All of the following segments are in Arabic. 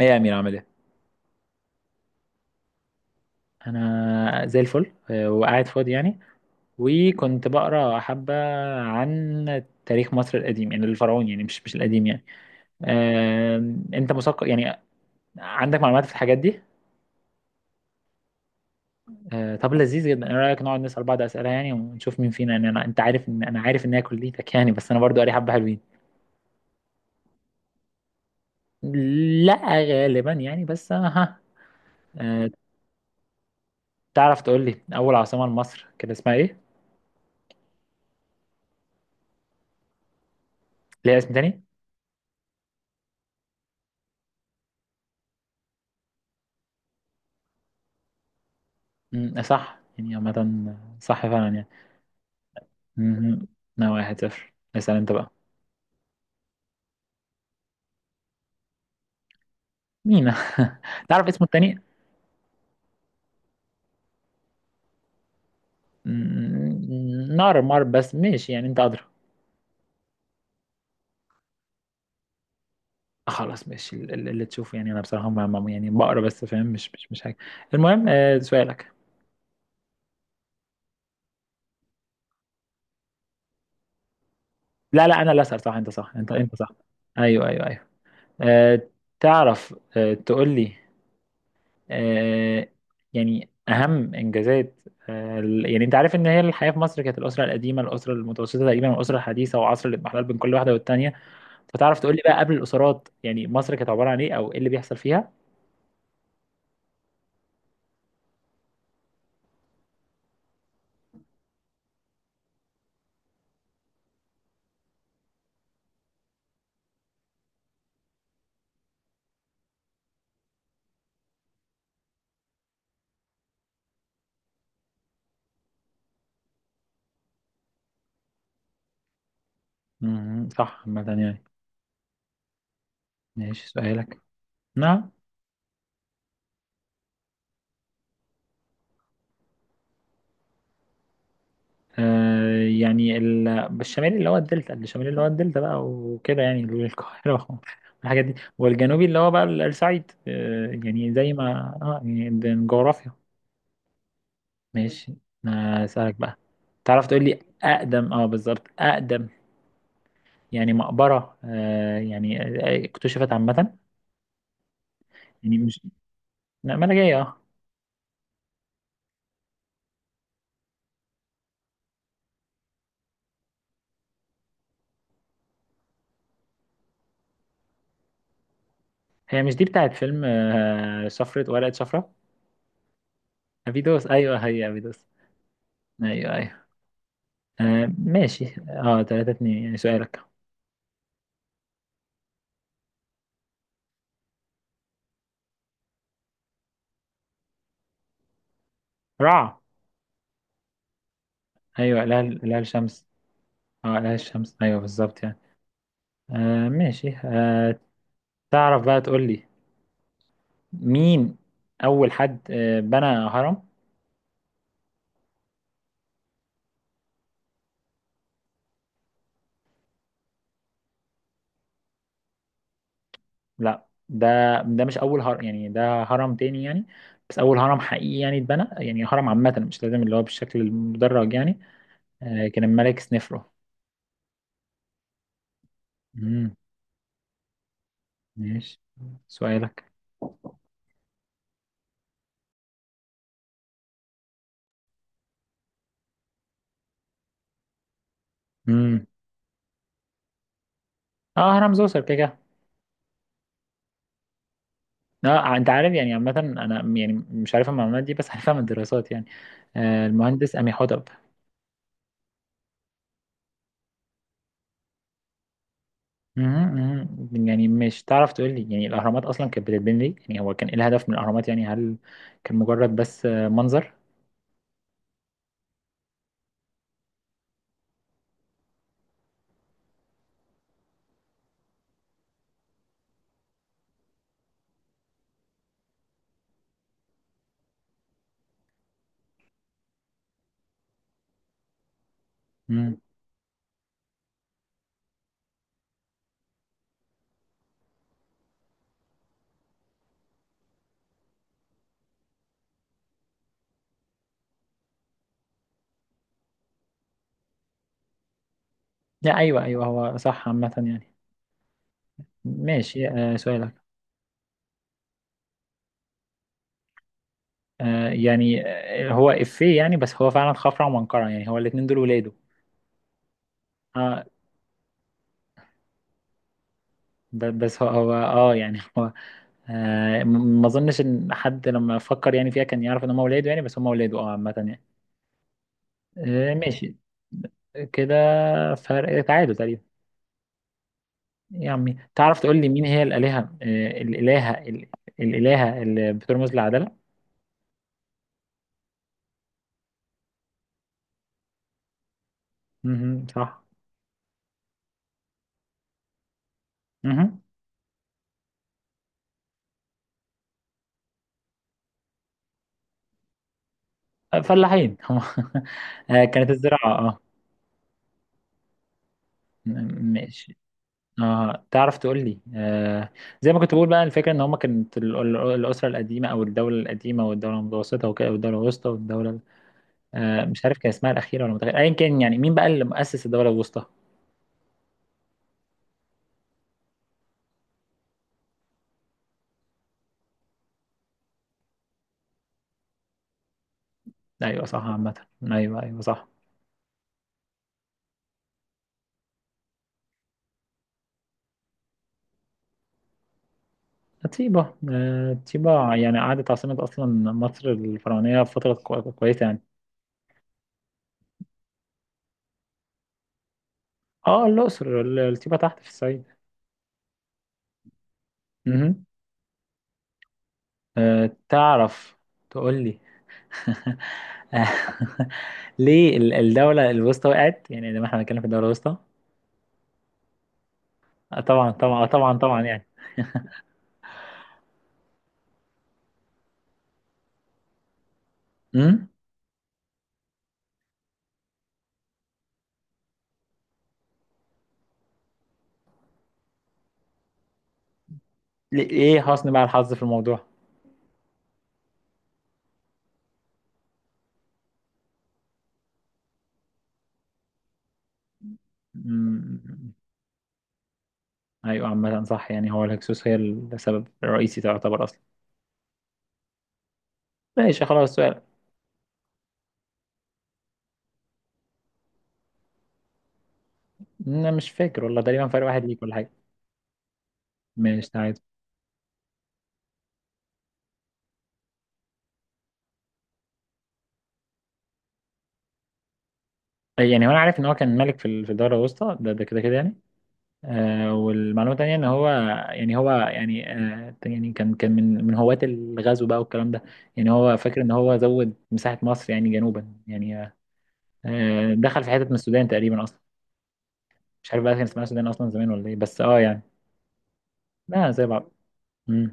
ايه يا امير، عامل ايه؟ انا زي الفل، وقاعد فاضي يعني. وكنت بقرا حبه عن تاريخ مصر القديم، يعني الفرعوني، يعني مش القديم يعني. انت مثقف، يعني عندك معلومات في الحاجات دي؟ طب لذيذ جدا. ايه رايك نقعد نسال بعض اسئله يعني، ونشوف مين فينا يعني، انت عارف ان انا عارف ان هي كليتك يعني، بس انا برضو قاري حبه حلوين. لا غالبا يعني، بس ها. آه، تعرف تقول لي اول عاصمه لمصر كان اسمها ايه؟ ليها اسم تاني؟ صح يعني عامه، صح فعلا يعني. مهم. انا 1-0، اسأل انت بقى. مينا. تعرف اسمه التاني؟ نار مار، بس ماشي يعني، انت ادرى. خلاص ماشي، اللي تشوفه يعني. انا بصراحة يعني بقرا بس فاهم مش حاجة. المهم، سؤالك. لا لا، انا اللي اسأل. صح انت، صح، انت صح. ايوه، ايوه، ايوه. آه تعرف تقول لي آه يعني اهم انجازات. يعني انت عارف ان هي الحياة في مصر، كانت الاسرة القديمة، الاسرة المتوسطة تقريبا، والاسرة الحديثة، وعصر الاضمحلال بين كل واحدة والتانية. فتعرف تقول لي بقى، قبل الاسرات، يعني مصر كانت عباره عن ايه او ايه اللي بيحصل فيها؟ مم. صح عامة يعني. ماشي، سؤالك. نعم. آه يعني ال- الشمالي اللي هو الدلتا، بقى وكده يعني القاهره والحاجات دي، والجنوبي اللي هو بقى الصعيد، يعني زي ما يعني ده الجغرافيا. ماشي، اسالك بقى. تعرف تقول لي اقدم، بالظبط اقدم، يعني مقبره، يعني اكتشفت عامه، يعني مش... لا، ملاجئيه اه هي مش دي بتاعت فيلم، شفرة ورقة شفرة؟ أبيدوس؟ أيوه هي أبيدوس. أيوه، أيوه. ماشي، 3-2 يعني، سؤالك. رع. أيوه، لا لا، الشمس. لا، الشمس أيوه بالظبط يعني. ماشي. تعرف بقى تقول لي، مين أول حد بنى هرم؟ لا، ده ده مش أول هرم يعني، ده هرم تاني يعني. بس أول هرم حقيقي يعني اتبنى يعني، هرم عامة، مش لازم اللي هو بالشكل المدرج يعني. كان الملك سنفرو. مم. ماشي، سؤالك. امم اه هرم زوسر كده كده. اه انت عارف يعني، عامة انا يعني مش عارف المعلومات دي بس عارفها من الدراسات يعني. المهندس أمي حدب. مهم، مهم. يعني مش تعرف تقول لي يعني، الاهرامات اصلا كانت بتتبني ليه؟ يعني هو كان ايه الهدف من الاهرامات؟ يعني هل كان مجرد بس، منظر؟ امم لا، ايوه ايوه، هو صح عامة يعني. ماشي، سؤالك. يعني هو افيه يعني، بس هو فعلا خفرع ومنقرع يعني، هو الاتنين دول ولاده. اه بس هو يعني. ما اظنش ان حد لما فكر يعني فيها كان يعرف ان هم ولاده يعني، بس هم ولاده عامه يعني. ماشي كده، فرق تعادل تقريبا. يا عمي، تعرف تقول لي مين هي الالهه، الالهه اللي بترمز للعداله؟ مهم، صح. مهم. فلاحين هم. كانت الزراعه اه ماشي. اه تعرف تقول لي. زي ما كنت بقول بقى، الفكره ان هم كانت الاسره القديمه او الدوله القديمه، والدوله المتوسطه وكده، والدوله الوسطى، والدوله... مش عارف كان اسمها الأخيرة ولا متأخرة، أيا كان، يعني مين بقى اللي مؤسس الدولة الوسطى؟ أيوه صح عامة، أيوه أيوه صح. طيبة، طيبة يعني قعدت عاصمة أصلا مصر الفرعونية فترة كويسة يعني. الأقصر، طيبة تحت في الصعيد. مهم. تعرف تقول لي آه، ليه الدولة الوسطى وقعت؟ يعني لما احنا بنتكلم في الدولة الوسطى. طبعا طبعا طبعا طبعا يعني. مم؟ إيه حسن بقى الحظ في الموضوع؟ مم. ايوه عامة صح يعني، هو الهكسوس هي السبب الرئيسي تعتبر اصلا. ماشي خلاص، السؤال. انا مش فاكر والله، تقريبا فرق واحد ليك ولا حاجة. ماشي، تعادل. يعني هو انا عارف ان هو كان ملك في الدولة الوسطى، ده كده كده يعني. والمعلومة التانية ان هو يعني هو يعني، يعني كان من هواة الغزو بقى والكلام ده. يعني هو فاكر ان هو زود مساحة مصر يعني جنوبا، يعني. دخل في حتة من السودان تقريبا اصلا. مش عارف بقى كان اسمها السودان اصلا زمان ولا ايه، بس يعني. لا، زي بعض. مم.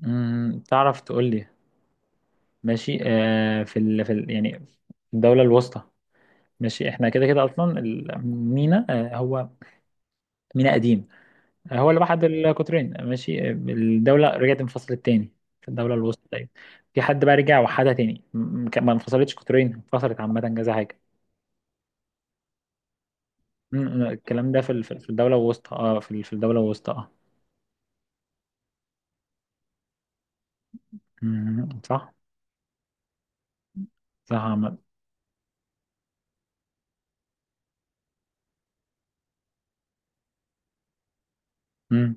مم. تعرف تقول لي، ماشي يعني في الدولة الوسطى. ماشي احنا كده كده، اصلا المينا هو مينا قديم. هو اللي وحد القطرين. ماشي، الدولة رجعت انفصلت تاني في الدولة الوسطى تقريبا. في حد بقى رجع وحدها تاني؟ ما انفصلتش قطرين، انفصلت عامة كذا حاجة. الكلام ده في الدولة الوسطى في الدولة الوسطى اه صح. صح عامة. م.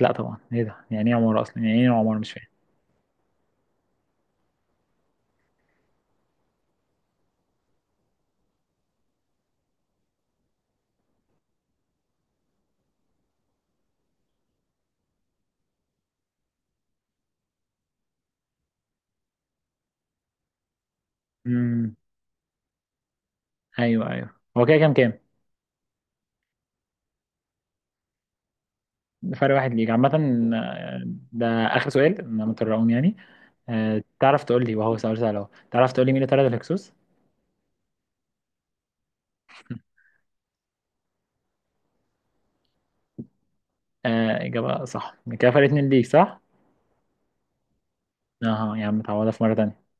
لا طبعا، ايه ده؟ يعني ايه عمارة اصلا؟ يعني ايه عمارة؟ مش فاهم. م. ايوه ايوه، هو كده كام كام؟ فرق واحد ليك عامة. آه، ده آخر سؤال، أنا مترقم يعني. تعرف تقول لي، وهو سؤال سهل أهو، تعرف تقول لي مين اللي طرد الهكسوس؟ إجابة صح، كده فرق اتنين ليك، صح؟ أها يا عم، تعوضها في مرة تانية.